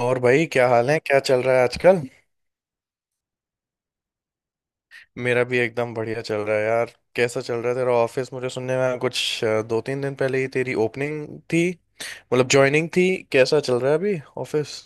और भाई क्या हाल है, क्या चल रहा है आजकल। मेरा भी एकदम बढ़िया चल रहा है यार। कैसा चल रहा है तेरा ऑफिस? मुझे सुनने में आया कुछ दो तीन दिन पहले ही तेरी ओपनिंग थी, मतलब ज्वाइनिंग थी। कैसा चल रहा है अभी ऑफिस?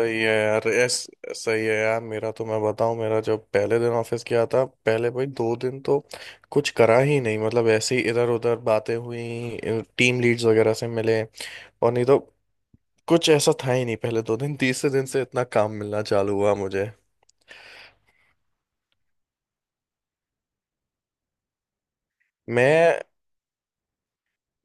सही है यार। एस सही है यार। मेरा तो, मैं बताऊं, मेरा जब पहले दिन ऑफिस गया था, पहले भाई दो दिन तो कुछ करा ही नहीं। मतलब ऐसे ही इधर उधर बातें हुई, टीम लीड्स वगैरह से मिले, और नहीं तो कुछ ऐसा था ही नहीं पहले दो दिन। तीसरे दिन से इतना काम मिलना चालू हुआ मुझे। मैं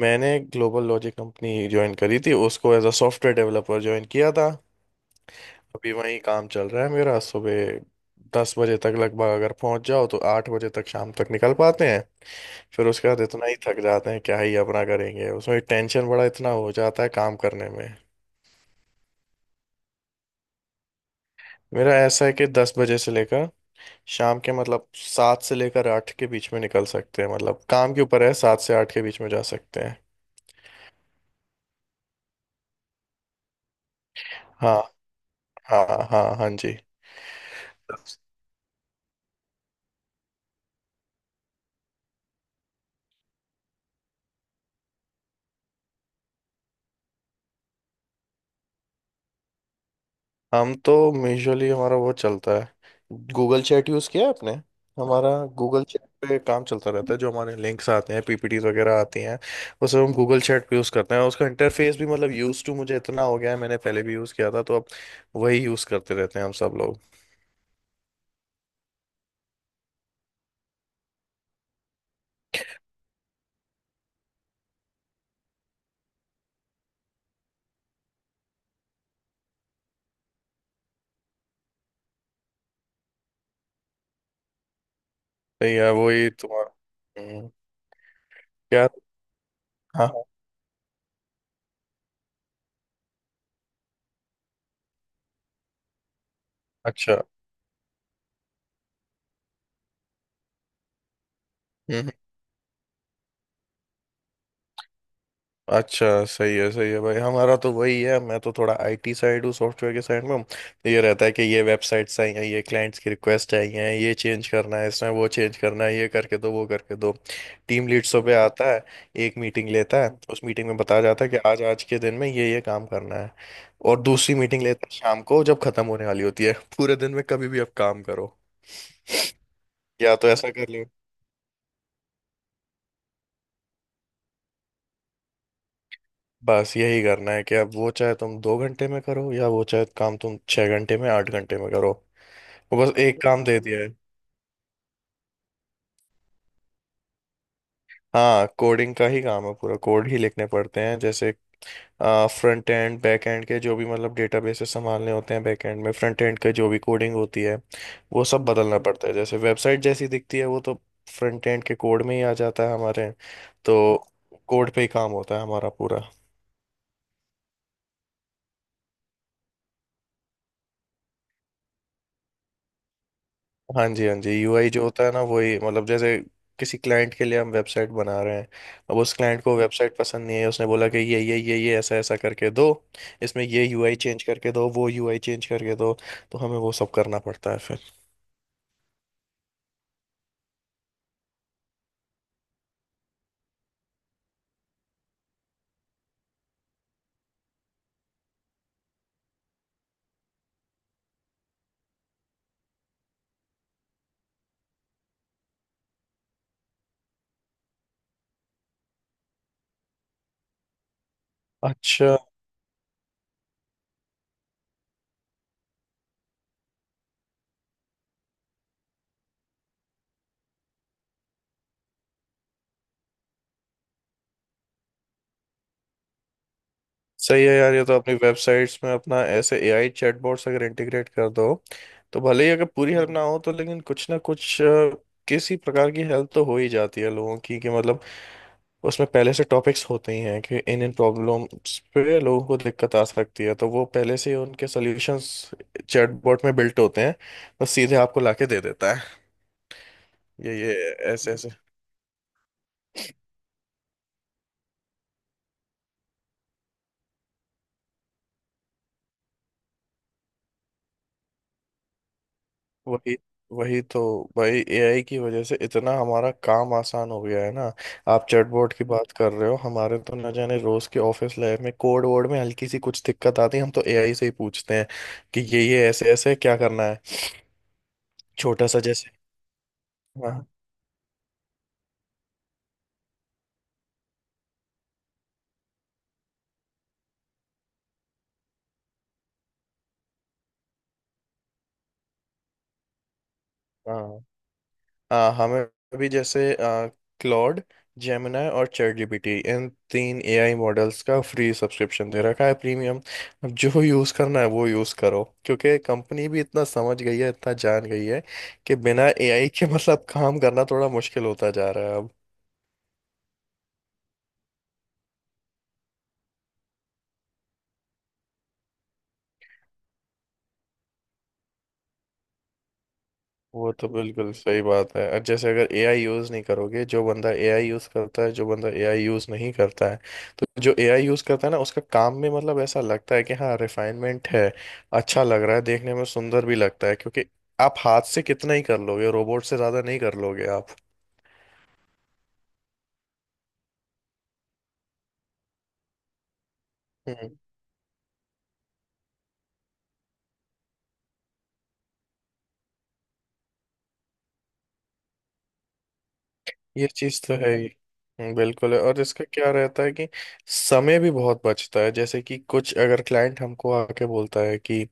मैंने ग्लोबल लॉजिक कंपनी ज्वाइन करी थी उसको, as a software developer join किया था। अभी वही काम चल रहा है मेरा। सुबह दस बजे तक लगभग अगर पहुंच जाओ तो आठ बजे तक, शाम तक निकल पाते हैं। फिर उसके बाद इतना ही थक जाते हैं, क्या ही अपना करेंगे उसमें। टेंशन बड़ा इतना हो जाता है काम करने में। मेरा ऐसा है कि दस बजे से लेकर शाम के मतलब सात से लेकर आठ के बीच में निकल सकते हैं। मतलब काम के ऊपर है, सात से आठ के बीच में जा सकते हैं। हाँ हाँ हाँ हाँ, हाँ, जी। हम तो मेजरली हमारा वो चलता है गूगल चैट, यूज़ किया है आपने? हमारा गूगल चैट पे काम चलता रहता है। जो हमारे लिंक्स आते हैं, पीपीटीज वगैरह आती हैं, वो सब हम गूगल चैट पे यूज़ करते हैं। उसका इंटरफेस भी मतलब यूज़ टू मुझे इतना हो गया है, मैंने पहले भी यूज़ किया था, तो अब वही यूज़ करते रहते हैं हम सब लोग। तो यार वही तुम्हारा। हम्म, क्या? हाँ हाँ, अच्छा। हम्म, अच्छा। सही है, सही है भाई। हमारा तो वही है, मैं तो थोड़ा आईटी साइड हूँ, सॉफ्टवेयर के साइड में। तो ये रहता है कि ये वेबसाइट्स आई हैं, ये क्लाइंट्स की रिक्वेस्ट आई हैं, ये चेंज करना है, इसमें वो चेंज करना है, ये करके दो वो करके दो। टीम लीड्सों पे आता है, एक मीटिंग लेता है। उस मीटिंग में बताया जाता है कि आज आज के दिन में ये काम करना है। और दूसरी मीटिंग लेता है शाम को जब खत्म होने वाली होती है। पूरे दिन में कभी भी आप काम करो, या तो ऐसा कर लो, बस यही करना है कि अब वो चाहे तुम दो घंटे में करो या वो चाहे काम तुम छह घंटे में आठ घंटे में करो। वो बस एक काम दे दिया है। हाँ, कोडिंग का ही काम है, पूरा कोड ही लिखने पड़ते हैं। जैसे फ्रंट एंड बैक एंड के जो भी मतलब डेटाबेसेस संभालने होते हैं बैक एंड में, फ्रंट एंड का जो भी कोडिंग होती है वो सब बदलना पड़ता है। जैसे वेबसाइट जैसी दिखती है वो तो फ्रंट एंड के कोड में ही आ जाता है हमारे। तो कोड पे ही काम होता है हमारा पूरा। हाँ जी, हाँ जी। यूआई जो होता है ना, वही मतलब जैसे किसी क्लाइंट के लिए हम वेबसाइट बना रहे हैं, अब उस क्लाइंट को वेबसाइट पसंद नहीं है, उसने बोला कि ये ऐसा ऐसा करके दो, इसमें ये यूआई चेंज करके दो, वो यूआई चेंज करके दो, तो हमें वो सब करना पड़ता है फिर। अच्छा। सही है यार। ये तो अपनी वेबसाइट्स में अपना ऐसे एआई चैटबॉट्स अगर इंटीग्रेट कर दो तो भले ही अगर पूरी हेल्प ना हो तो लेकिन कुछ ना कुछ किसी प्रकार की हेल्प तो हो ही जाती है लोगों की। कि मतलब उसमें पहले से टॉपिक्स होते ही हैं कि इन इन प्रॉब्लम्स पे लोगों को दिक्कत आ सकती है, तो वो पहले से ही उनके सॉल्यूशंस चैटबॉट में बिल्ट होते हैं, बस सीधे आपको लाके दे देता है। ये ऐसे ऐसे। वही वही तो भाई, एआई की वजह से इतना हमारा काम आसान हो गया है ना। आप चैटबॉट की बात कर रहे हो, हमारे तो न जाने रोज के ऑफिस लाइफ में कोड वर्ड में हल्की सी कुछ दिक्कत आती है, हम तो एआई से ही पूछते हैं कि ये ऐसे ऐसे क्या करना है, छोटा सा जैसे। हाँ। हाँ। हमें अभी जैसे क्लॉड, जेमिनाई और चैट जीपीटी, इन तीन एआई मॉडल्स का फ्री सब्सक्रिप्शन दे रखा है, प्रीमियम। अब जो यूज़ करना है वो यूज़ करो, क्योंकि कंपनी भी इतना समझ गई है, इतना जान गई है कि बिना एआई के मतलब काम करना थोड़ा मुश्किल होता जा रहा है अब। वो तो बिल्कुल सही बात है। और जैसे अगर एआई यूज़ नहीं करोगे, जो बंदा एआई यूज़ करता है, जो बंदा एआई यूज़ नहीं करता है, तो जो एआई यूज़ करता है ना, उसका काम में मतलब ऐसा लगता है कि हाँ रिफाइनमेंट है, अच्छा लग रहा है देखने में, सुंदर भी लगता है। क्योंकि आप हाथ से कितना ही कर लोगे, रोबोट से ज़्यादा नहीं कर लोगे आप। हम्म। ये चीज़ तो है ही। बिल्कुल है। और इसका क्या रहता है कि समय भी बहुत बचता है। जैसे कि कुछ अगर क्लाइंट हमको आके बोलता है कि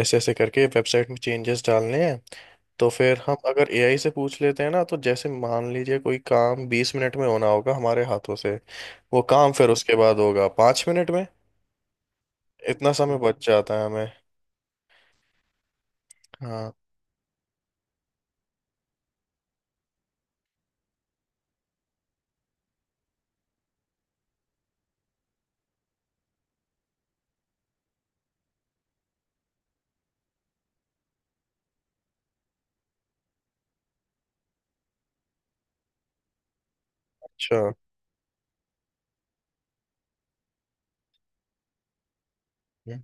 ऐसे ऐसे करके वेबसाइट में चेंजेस डालने हैं, तो फिर हम अगर एआई से पूछ लेते हैं ना, तो जैसे मान लीजिए कोई काम बीस मिनट में होना होगा हमारे हाथों से, वो काम फिर उसके बाद होगा पाँच मिनट में। इतना समय बच जाता है हमें। हाँ। अच्छा। हम्म।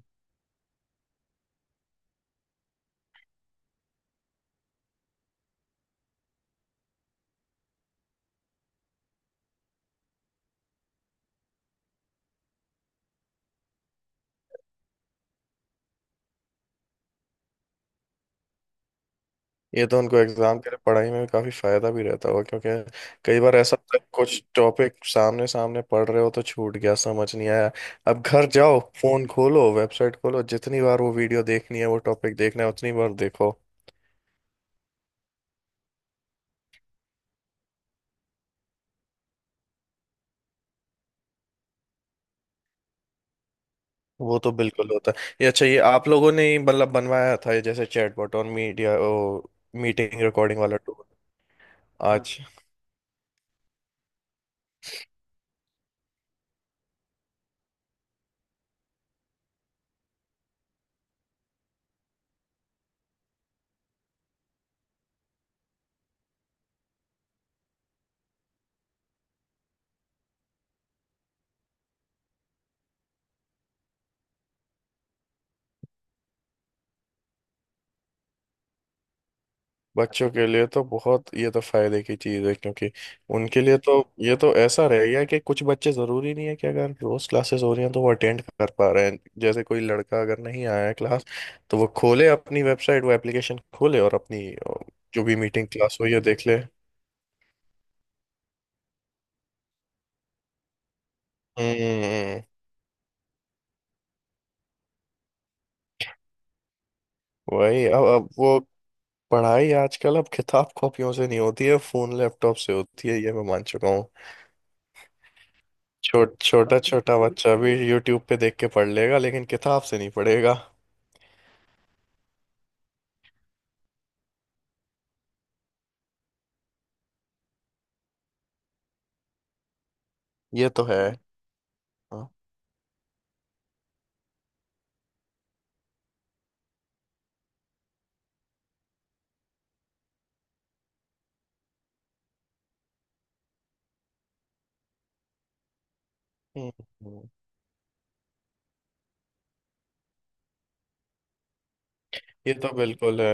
ये तो उनको एग्जाम के लिए पढ़ाई में भी काफी फायदा भी रहता होगा, क्योंकि कई बार ऐसा होता है कुछ टॉपिक सामने सामने पढ़ रहे हो तो छूट गया, समझ नहीं आया। अब घर जाओ, फोन खोलो, वेबसाइट खोलो, जितनी बार वो वीडियो देखनी है, वो टॉपिक देखना है, उतनी बार देखो। वो तो बिल्कुल होता है। ये अच्छा, ये आप लोगों ने ही मतलब बनवाया था, ये जैसे चैटबॉट और मीटिंग रिकॉर्डिंग वाला टूल। हाँ आज बच्चों के लिए तो बहुत, ये तो फायदे की चीज़ है, क्योंकि उनके लिए तो ये तो ऐसा रह गया कि कुछ बच्चे, ज़रूरी नहीं है कि अगर रोज़ क्लासेस हो रही हैं तो वो अटेंड कर पा रहे हैं। जैसे कोई लड़का अगर नहीं आया है क्लास, तो वो खोले अपनी वेबसाइट, वो एप्लीकेशन खोले और अपनी जो भी मीटिंग क्लास हुई है देख ले। हम्म। वही, अब वो पढ़ाई आजकल, अब किताब कॉपियों से नहीं होती है, फोन लैपटॉप से होती है, ये मैं मान चुका हूँ। छोटा छोटा बच्चा भी यूट्यूब पे देख के पढ़ लेगा, लेकिन किताब से नहीं पढ़ेगा। ये तो है। हाँ। हम्म, हम्म। ये तो बिल्कुल है।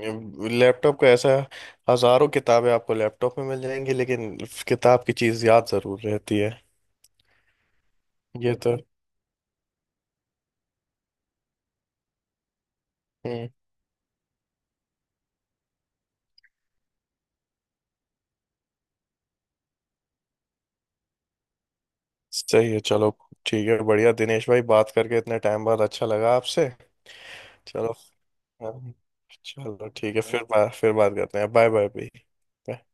लैपटॉप का ऐसा है, हजारों किताबें आपको लैपटॉप में मिल जाएंगी, लेकिन किताब की चीज याद जरूर रहती है। ये तो। हम्म। सही है, चलो, ठीक है। बढ़िया दिनेश भाई, बात करके इतने टाइम बाद अच्छा लगा आपसे। चलो। हाँ, चलो ठीक है, फिर फिर बात करते हैं। बाय बाय भाई। Bye.